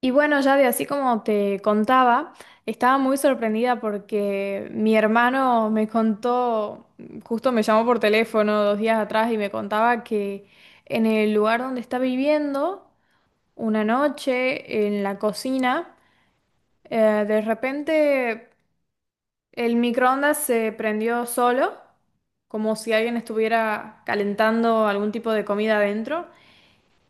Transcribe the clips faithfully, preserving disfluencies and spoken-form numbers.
Y bueno, ya de así como te contaba, estaba muy sorprendida porque mi hermano me contó, justo me llamó por teléfono dos días atrás y me contaba que en el lugar donde está viviendo, una noche en la cocina, eh, de repente el microondas se prendió solo, como si alguien estuviera calentando algún tipo de comida adentro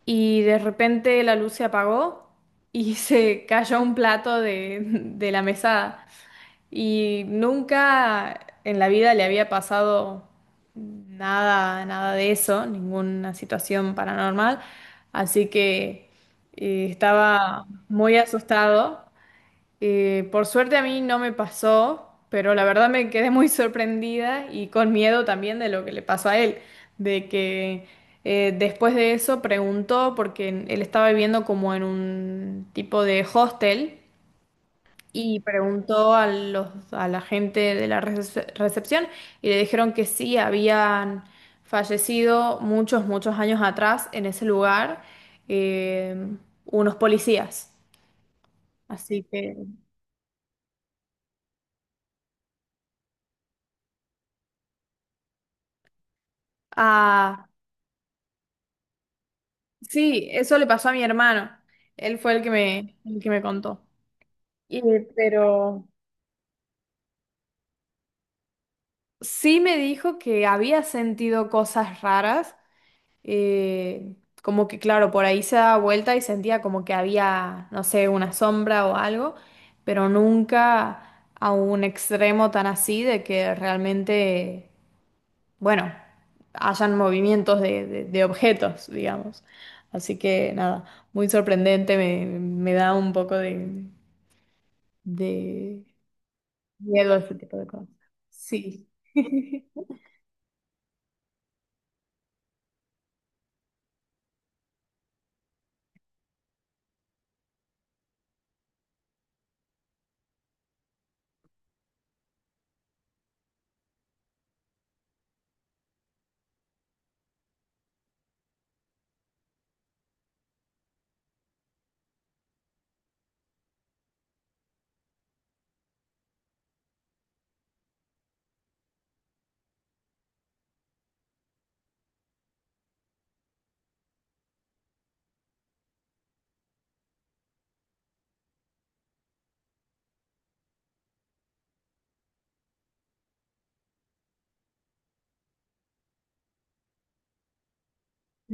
y de repente la luz se apagó y se cayó un plato de, de la mesada. Y nunca en la vida le había pasado nada, nada de eso, ninguna situación paranormal. Así que eh, estaba muy asustado. Eh, por suerte a mí no me pasó, pero la verdad me quedé muy sorprendida y con miedo también de lo que le pasó a él, de que eh, después de eso preguntó, porque él estaba viviendo como en un tipo de hostel, y preguntó a los, a la gente de la recep- recepción y le dijeron que sí, habían fallecido muchos, muchos años atrás en ese lugar, eh, unos policías. Así que... Ah, sí, eso le pasó a mi hermano. Él fue el que me, el que me contó. Y- pero sí me dijo que había sentido cosas raras, eh, como que claro, por ahí se daba vuelta y sentía como que había, no sé, una sombra o algo, pero nunca a un extremo tan así de que realmente, bueno, hayan movimientos de, de- de objetos, digamos. Así que nada, muy sorprendente, me, me da un poco de... de miedo, ese tipo de cosas. Sí.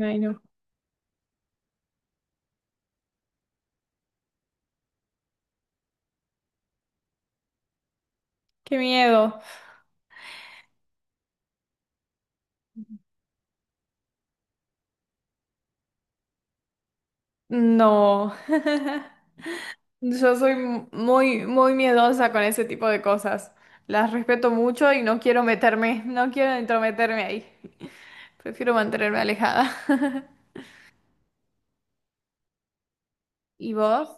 Ay, no. Qué miedo. No. Yo soy muy, muy miedosa con ese tipo de cosas. Las respeto mucho y no quiero meterme, no quiero entrometerme ahí. Prefiero mantenerme alejada. ¿Y vos?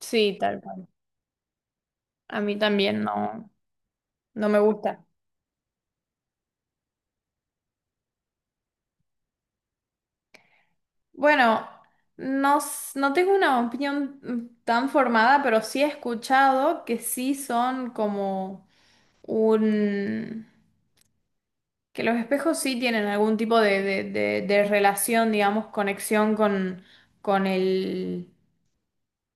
Sí, tal cual. A mí también no, no me gusta. Bueno, no, s- no tengo una opinión mm, tan formada, pero sí he escuchado que sí son como un... que los espejos sí tienen algún tipo de, de- de- de relación, digamos, conexión con, con el,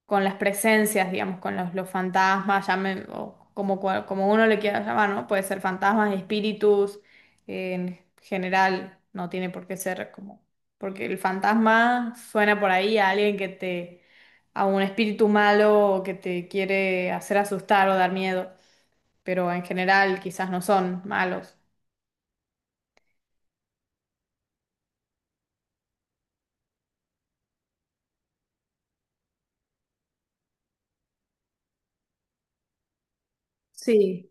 con las presencias, digamos, con los, los fantasmas, llamen, o como, cua- como uno le quiera llamar, ¿no? Puede ser fantasmas, espíritus, en general, no tiene por qué ser como, porque el fantasma suena por ahí a alguien que te, a un espíritu malo o que te quiere hacer asustar o dar miedo, pero en general quizás no son malos. Sí.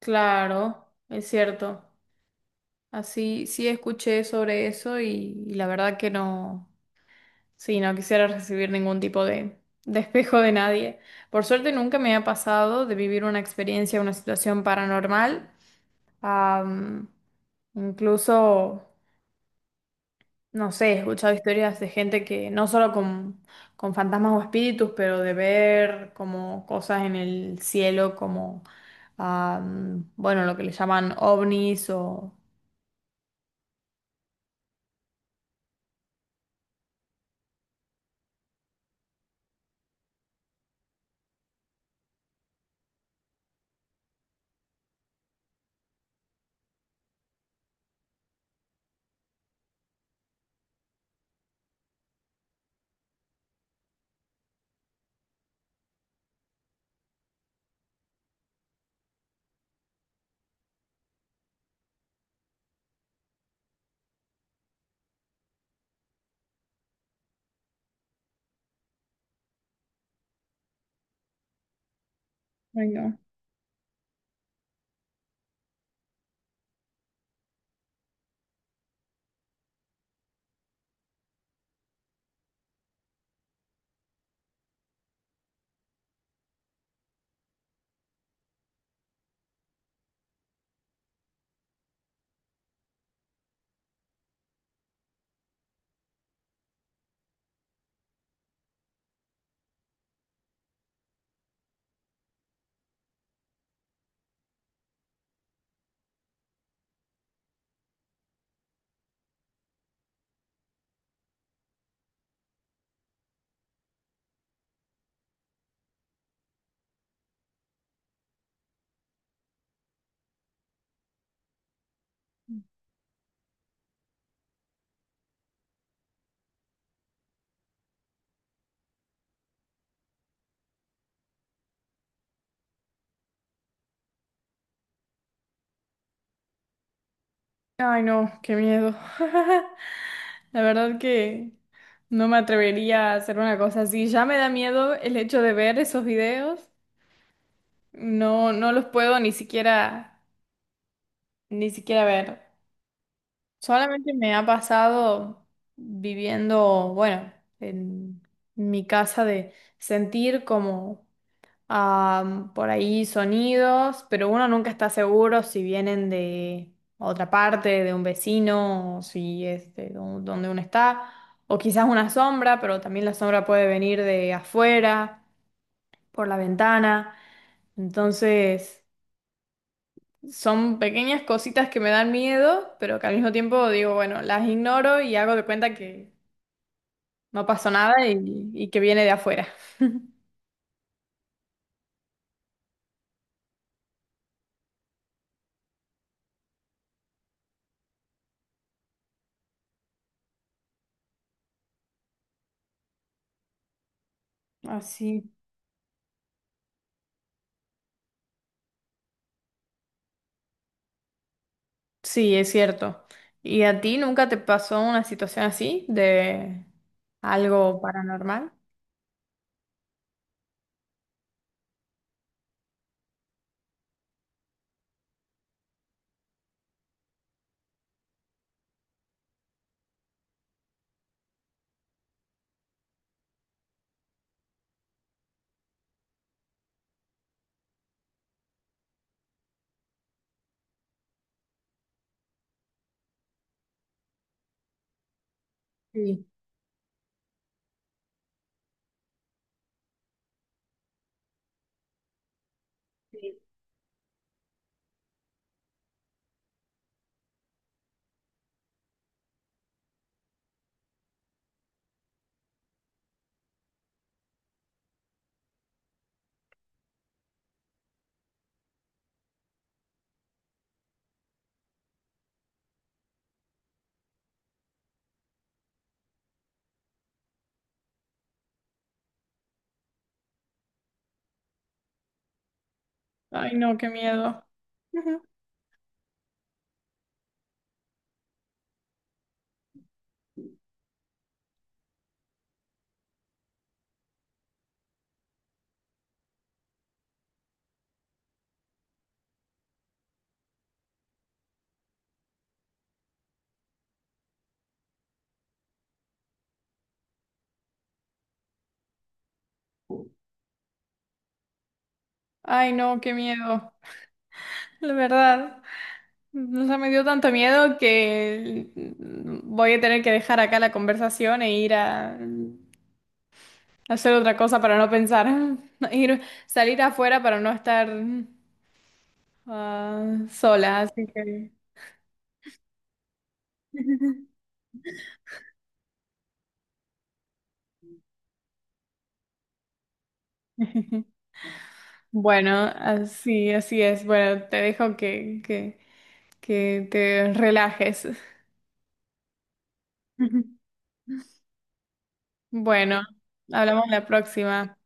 Claro, es cierto. Así sí escuché sobre eso y, y la verdad que no. Sí, no quisiera recibir ningún tipo de, despejo de nadie. Por suerte nunca me ha pasado de vivir una experiencia, una situación paranormal. Am, incluso, no sé, he escuchado historias de gente que no solo con, con fantasmas o espíritus, pero de ver como cosas en el cielo, como, am, bueno, lo que le llaman ovnis o... Ay, no. Ay, no, qué miedo. La verdad que no me atrevería a hacer una cosa así. Ya me da miedo el hecho de ver esos videos. No, no los puedo ni siquiera, ni siquiera ver. Solamente me ha pasado viviendo, bueno, en mi casa de sentir como Am, por ahí sonidos, pero uno nunca está seguro si vienen de otra parte, de un vecino, o si es de do- donde uno está, o quizás una sombra, pero también la sombra puede venir de afuera, por la ventana. Entonces, son pequeñas cositas que me dan miedo, pero que al mismo tiempo digo, bueno, las ignoro y hago de cuenta que no pasó nada y, y que viene de afuera. Así. Sí, es cierto. ¿Y a ti nunca te pasó una situación así de algo paranormal? Sí. Ay, no, qué miedo. Ujú. Ay, no, qué miedo. La verdad, o sea, me dio tanto miedo que mm, voy a tener que dejar acá la conversación e ir a mm, hacer otra cosa para no pensar. Ir, salir afuera para no estar mm, ah, sola, así que... Bueno, así, así es. Bueno, te dejo que, que, que te relajes. Bueno, hablamos la próxima.